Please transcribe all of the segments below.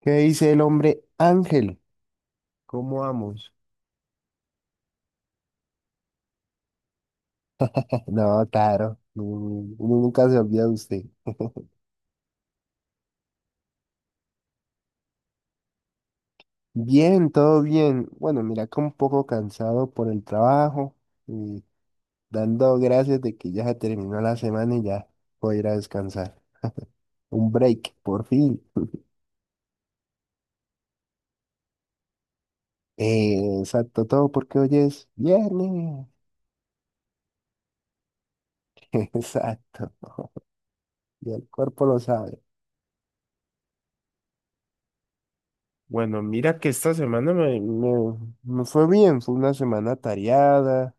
¿Qué dice el hombre Ángel? ¿Cómo vamos? No, claro, no, uno nunca se olvida de usted. Bien, todo bien. Bueno, mira que un poco cansado por el trabajo y dando gracias de que ya se terminó la semana y ya voy a ir a descansar. Un break, por fin. Exacto, todo porque hoy es viernes. Exacto, y el cuerpo lo sabe. Bueno, mira que esta semana me fue bien, fue una semana tareada.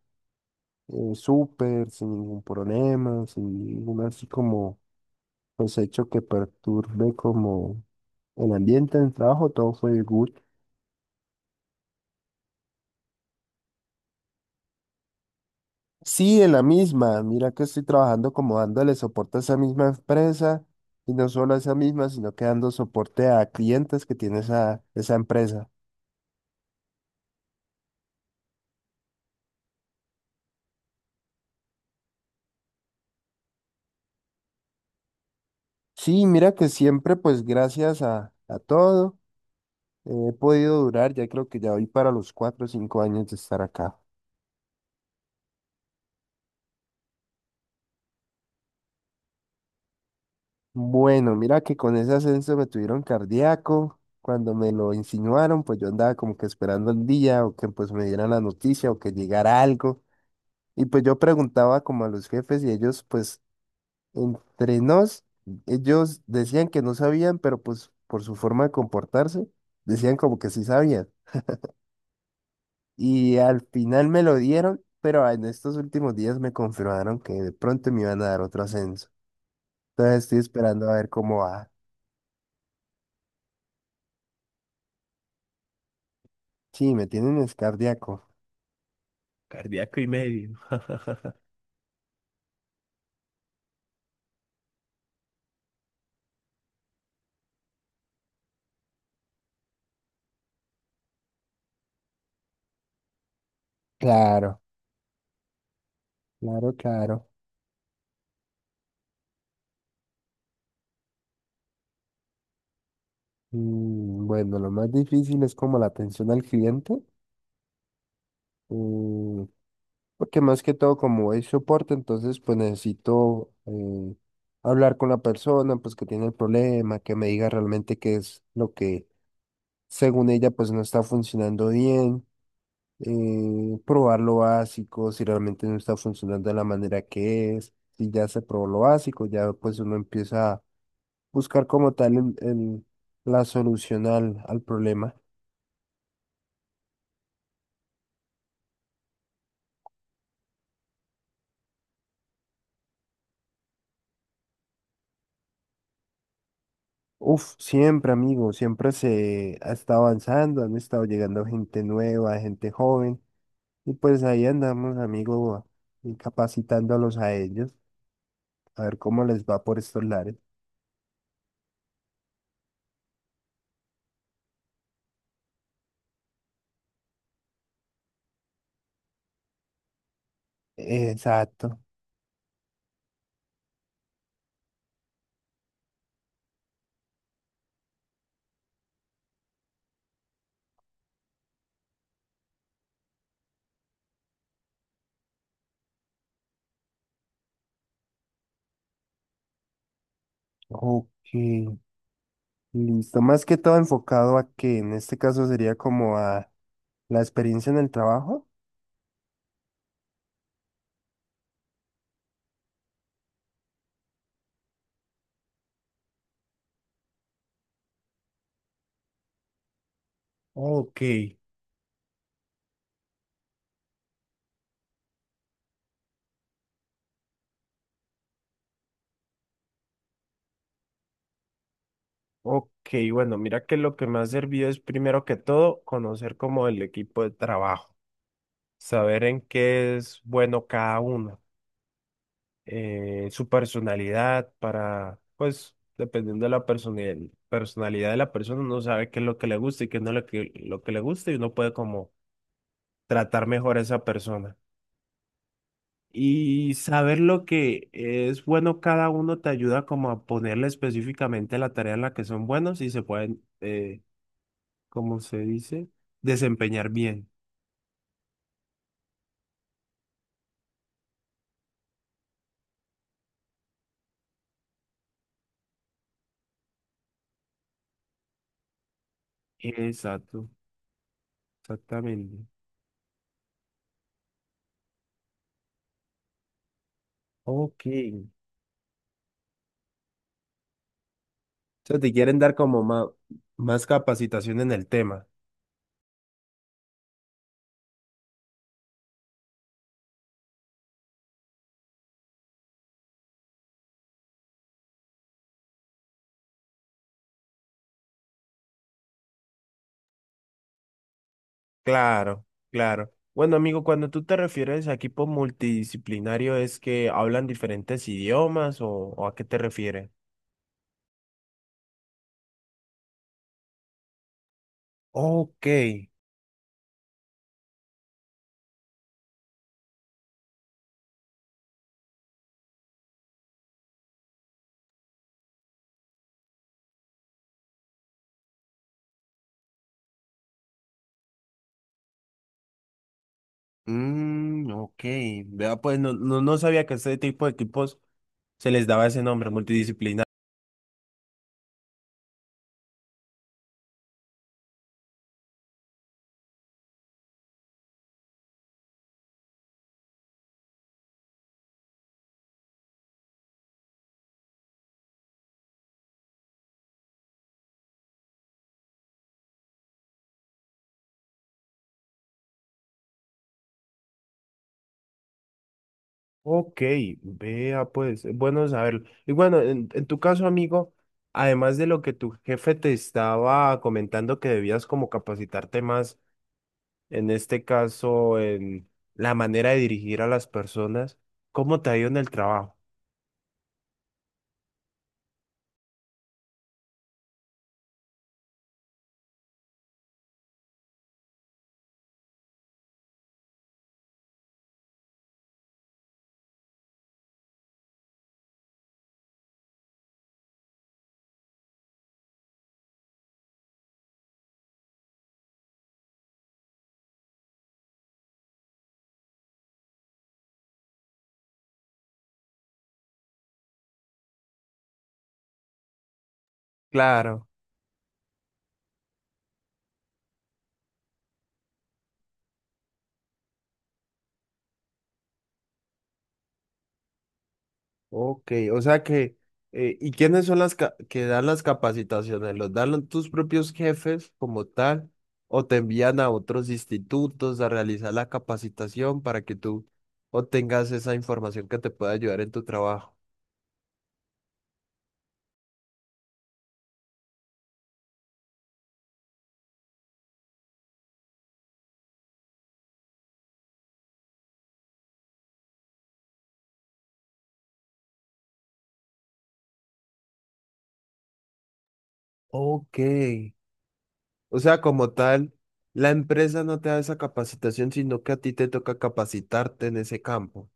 Súper, sin ningún problema, sin ningún así como pues hecho que perturbe como el ambiente del trabajo, todo fue good. Sí, en la misma, mira que estoy trabajando como dándole soporte a esa misma empresa y no solo a esa misma, sino que dando soporte a clientes que tiene esa empresa. Sí, mira que siempre pues gracias a todo he podido durar, ya creo que ya voy para los cuatro o cinco años de estar acá. Bueno, mira que con ese ascenso me tuvieron cardíaco. Cuando me lo insinuaron, pues yo andaba como que esperando el día o que pues me dieran la noticia o que llegara algo. Y pues yo preguntaba como a los jefes y ellos pues entre nos, ellos decían que no sabían, pero pues por su forma de comportarse, decían como que sí sabían. Y al final me lo dieron, pero en estos últimos días me confirmaron que de pronto me iban a dar otro ascenso. Entonces estoy esperando a ver cómo va. Sí, me tienen es cardíaco. Cardíaco y medio. Claro, claro, claro. Mm, bueno, lo más difícil es como la atención al cliente, mm, porque más que todo como es soporte, entonces pues necesito hablar con la persona, pues que tiene el problema, que me diga realmente qué es lo que según ella pues no está funcionando bien, probar lo básico, si realmente no está funcionando de la manera que es, si ya se probó lo básico, ya pues uno empieza buscar como tal la solución al problema. Uf, siempre, amigo, siempre se ha estado avanzando, han estado llegando gente nueva, gente joven, y pues ahí andamos, amigo, y capacitándolos a ellos, a ver cómo les va por estos lares. Exacto. Ok, listo. Más que todo enfocado a que en este caso sería como a la experiencia en el trabajo. Ok. Ok, bueno, mira que lo que me ha servido es primero que todo conocer como el equipo de trabajo, saber en qué es bueno cada uno, su personalidad para, pues, dependiendo de la personalidad de la persona, uno sabe qué es lo que le gusta y qué no es lo que le gusta y uno puede como tratar mejor a esa persona. Y saber lo que es bueno cada uno te ayuda como a ponerle específicamente la tarea en la que son buenos y se pueden¿cómo se dice? Desempeñar bien. Exacto, exactamente. Ok. O sea, te quieren dar como más capacitación en el tema. Claro, claro. Bueno, amigo, cuando tú te refieres a equipo multidisciplinario, ¿es que hablan diferentes idiomas o a qué te refieres? Ok. Mm, ok. Vea, pues no sabía que a este tipo de equipos se les daba ese nombre, multidisciplinario. Ok, vea pues, bueno saberlo. Y bueno, en tu caso, amigo, además de lo que tu jefe te estaba comentando que debías como capacitarte más, en este caso, en la manera de dirigir a las personas, ¿cómo te ha ido en el trabajo? Claro. Ok, o sea que, ¿y quiénes son las que dan las capacitaciones? ¿Los dan tus propios jefes como tal? ¿O te envían a otros institutos a realizar la capacitación para que tú obtengas esa información que te pueda ayudar en tu trabajo? Ok, o sea, como tal, la empresa no te da esa capacitación, sino que a ti te toca capacitarte en ese campo.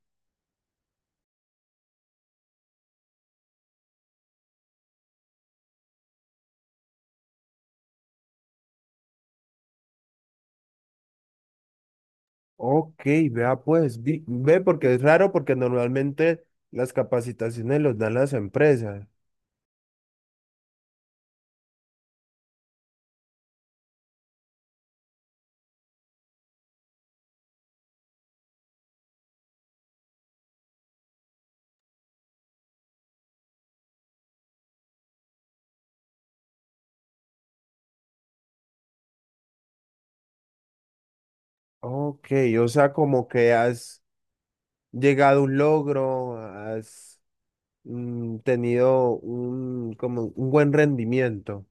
Ok, vea pues, ve porque es raro porque normalmente las capacitaciones los dan las empresas. Ok, o sea, como que has llegado a un logro, has tenido un, como un buen rendimiento.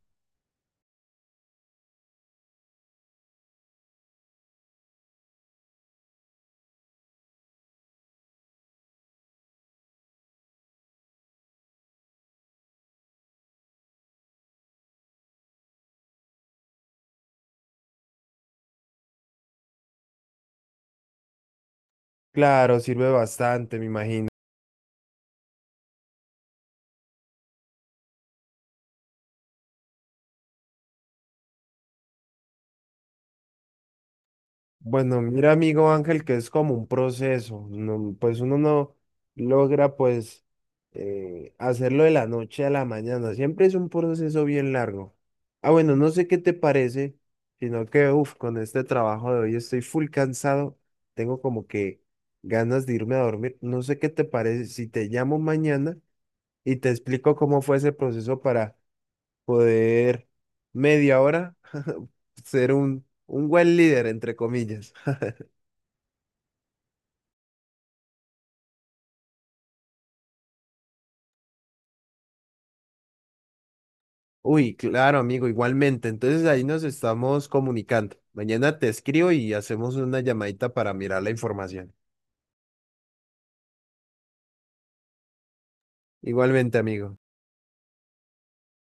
Claro, sirve bastante, me imagino. Bueno, mira, amigo Ángel, que es como un proceso, no- pues uno no logra pues hacerlo de la noche a la mañana, siempre es un proceso bien largo. Ah, bueno, no sé qué te parece, sino que, uff, con este trabajo de hoy estoy full cansado, tengo como que ganas de irme a dormir, no sé qué te parece si te llamo mañana y te explico cómo fue ese proceso para poder media hora ser un buen líder, entre comillas. Uy, claro, amigo, igualmente. Entonces ahí nos estamos comunicando. Mañana te escribo y hacemos una llamadita para mirar la información. Igualmente, amigo.